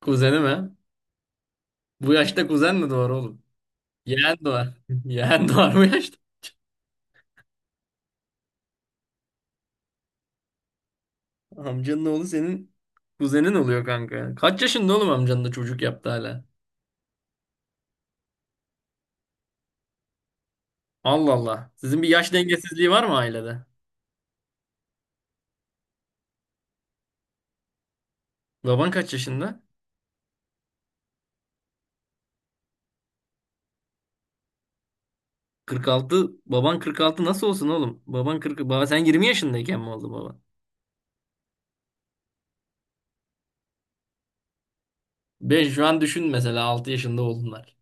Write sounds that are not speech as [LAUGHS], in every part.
Kuzeni mi? Bu yaşta kuzen mi doğar oğlum? Yeğen doğar. [LAUGHS] Yeğen doğar bu yaşta. Amcanın oğlu senin kuzenin oluyor kanka. Kaç yaşında oğlum amcanın da çocuk yaptı hala? Allah Allah. Sizin bir yaş dengesizliği var mı ailede? Baban kaç yaşında? 46. Baban 46 nasıl olsun oğlum? Baban 40. Baba sen 20 yaşındayken mi oldu baba? Ben şu an düşün mesela 6 yaşında oldunlar.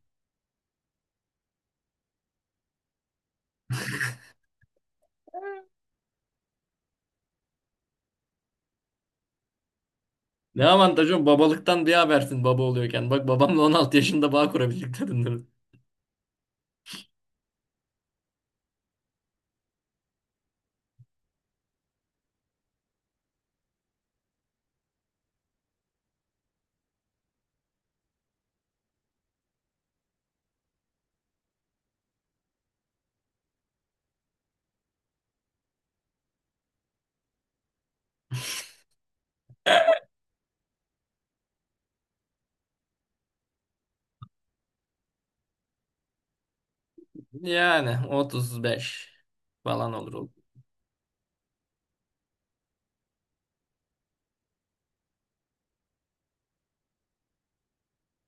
Ne avantajı oğlum? Babalıktan bir habersin baba oluyorken. Bak babamla 16 yaşında bağ kurabildik dedin. Yani 35 falan olur.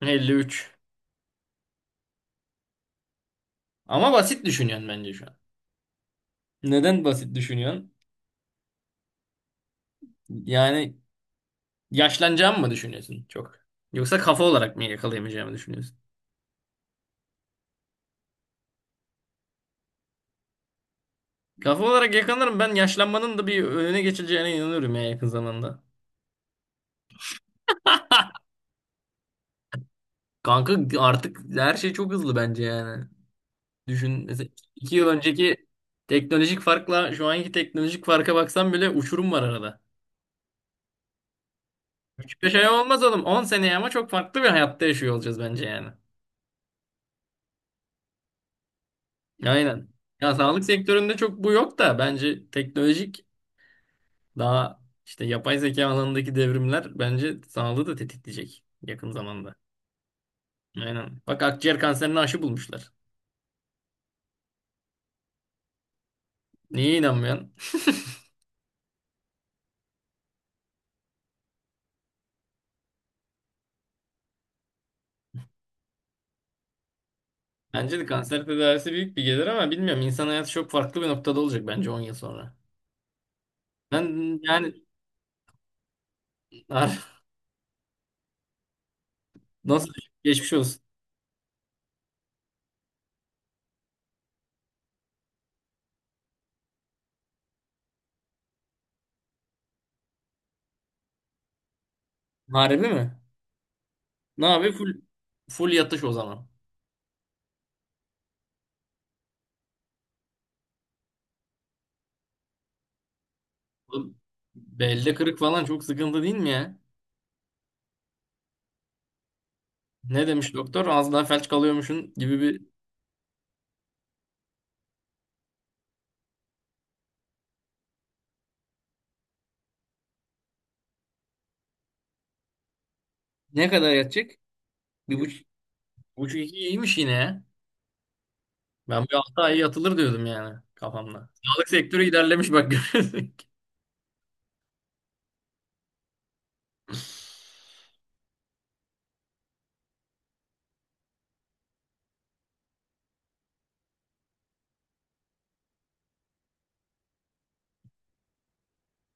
53. Ama basit düşünüyorsun bence şu an. Neden basit düşünüyorsun? Yani yaşlanacağımı mı düşünüyorsun çok? Yoksa kafa olarak mı yakalayamayacağımı düşünüyorsun? Kafa olarak yakalarım, ben yaşlanmanın da bir önüne geçileceğine inanıyorum ya yakın zamanda. Kanka artık her şey çok hızlı bence yani. Düşün mesela iki yıl önceki teknolojik farkla şu anki teknolojik farka baksan bile uçurum var arada. Küçük bir şey olmaz oğlum. 10 seneye ama çok farklı bir hayatta yaşıyor olacağız bence yani. Aynen. Ya sağlık sektöründe çok bu yok da bence teknolojik daha işte yapay zeka alanındaki devrimler bence sağlığı da tetikleyecek yakın zamanda. Aynen. Bak akciğer kanserine aşı bulmuşlar. Niye inanmıyorsun? Bence de kanser tedavisi büyük bir gelir ama bilmiyorum. İnsan hayatı çok farklı bir noktada olacak bence 10 yıl sonra. Ben yani… [LAUGHS] Nasıl, geçmiş olsun. Harbi mi? Ne abi, full full yatış o zaman. Oğlum, belde kırık falan çok sıkıntı değil mi ya? Ne demiş doktor? Az daha felç kalıyormuşsun gibi bir... Ne kadar yatacak? Bir buçuk, buçuk iki iyiymiş yine ya. Ben bir altı ay yatılır diyordum yani kafamda. Sağlık sektörü ilerlemiş bak [LAUGHS] görüyorsun ki.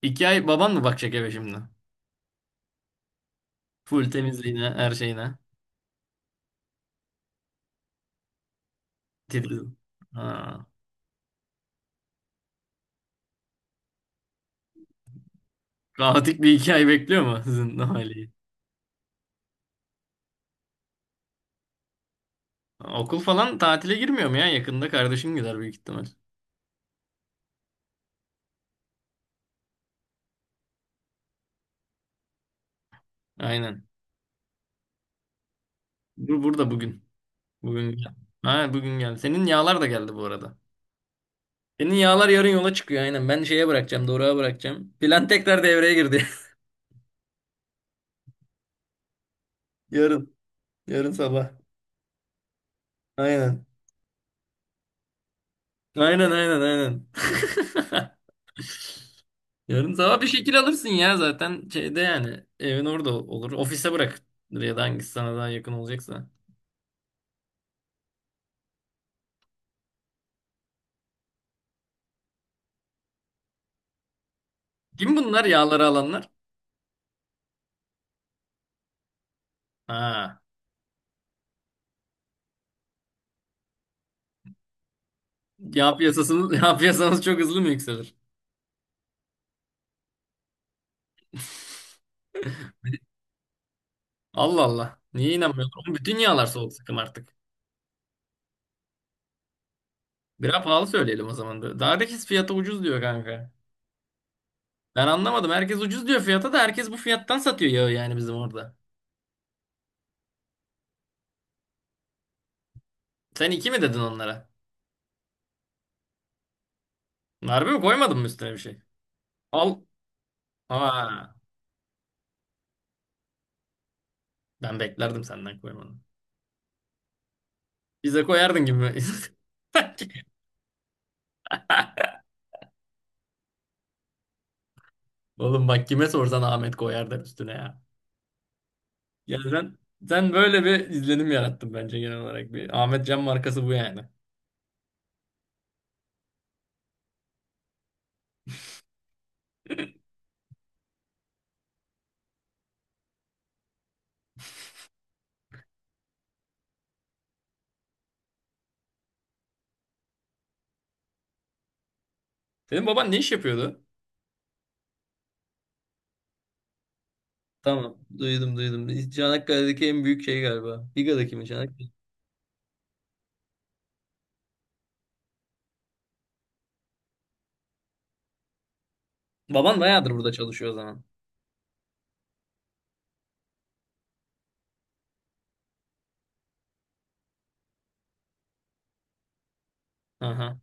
İki ay baban mı bakacak eve şimdi? Full temizliğine, her şeyine. Titiz. Ha. Kaotik bir iki ay bekliyor mu sizin [LAUGHS] aileyi? Okul falan tatile girmiyor mu ya? Yakında kardeşim gider büyük ihtimal. Aynen. Burada bugün. Bugün gel. Ha bugün geldi. Senin yağlar da geldi bu arada. Senin yağlar yarın yola çıkıyor aynen. Ben şeye bırakacağım, Doruk'a bırakacağım. Plan tekrar devreye girdi. [LAUGHS] Yarın. Yarın sabah. Aynen. Aynen aynen aynen. [LAUGHS] Yarın sabah bir şekil alırsın ya zaten şeyde yani. Evin orada olur. Ofise bırak. Ya da hangisi sana daha yakın olacaksa. Kim bunlar yağları alanlar? Ha. Yağ piyasasını, [LAUGHS] yağ piyasanız çok hızlı mı yükselir? Allah Allah. Niye inanmıyorum? Bütün yağlar soğuk sıkım artık. Biraz pahalı söyleyelim o zaman da. Daha herkes fiyata ucuz diyor kanka. Ben anlamadım. Herkes ucuz diyor fiyata da herkes bu fiyattan satıyor yağı yani bizim orada. Sen iki mi dedin onlara? Harbi mi, koymadın mı üstüne bir şey? Al. Aa, ben beklerdim senden koymanı. Bize koyardın gibi mi? [LAUGHS] Sanki. Oğlum bak kime sorsan Ahmet koyar der üstüne ya. Ya sen böyle bir izlenim yarattın bence genel olarak. Bir Ahmet Can markası bu yani. Senin baban ne iş yapıyordu? Tamam. Duydum. Çanakkale'deki en büyük şey galiba. Biga'daki mi? Çanakkale. Baban bayağıdır burada çalışıyor o zaman. Aha.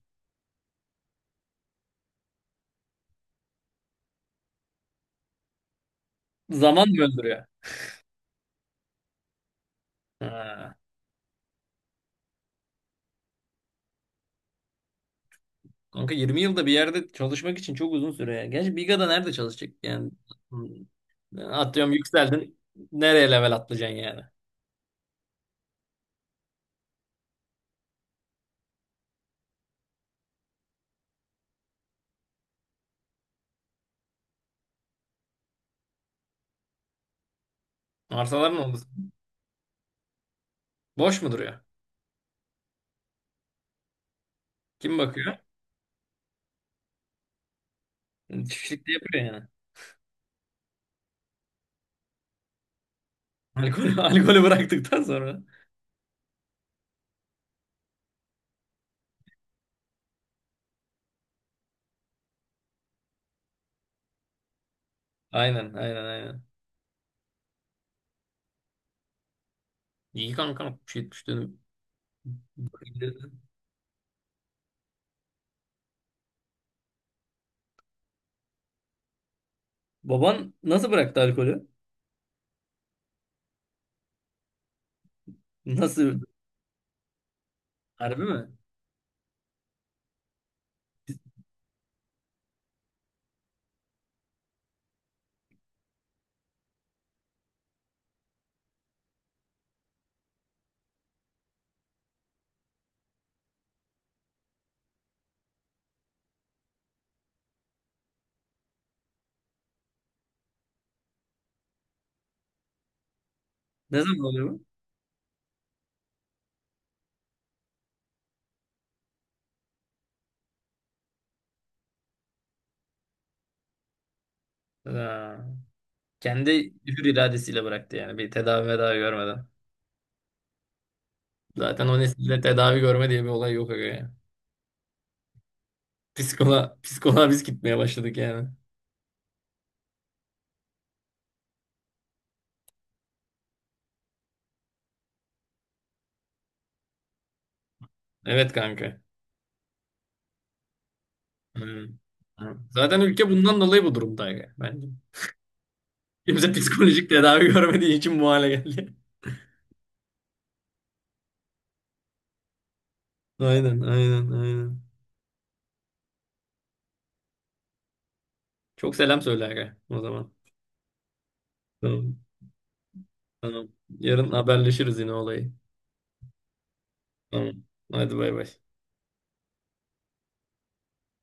Zaman mı öldürüyor? Ha. Kanka 20 yılda bir yerde çalışmak için çok uzun süre ya. Gerçi Biga'da nerede çalışacak yani? Hmm. Atıyorum yükseldin. Nereye level atlayacaksın yani? Arsalar ne oldu? Boş mu duruyor? Kim bakıyor? Çiftlikte yapıyor yani. Alkol, [LAUGHS] alkolü bıraktıktan sonra. Aynen aynen aynen. İyi kanka, 60-70 dönüm. Baban nasıl bıraktı alkolü? Nasıl? Harbi mi? Ne zaman oluyor bu? Ha. Kendi hür iradesiyle bıraktı yani. Bir tedavi medavi görmeden. Zaten o nesilde tedavi görme diye bir olay yok aga ya. Psikoloğa biz gitmeye başladık yani. Evet kanka. Hmm. Zaten ülke bundan dolayı bu durumda aga, bence. Kimse psikolojik tedavi görmediği için bu hale geldi. [LAUGHS] Aynen. Çok selam söyle aga, o zaman. Tamam, tamam. Yarın haberleşiriz yine olayı. Tamam. Hadi bay bay.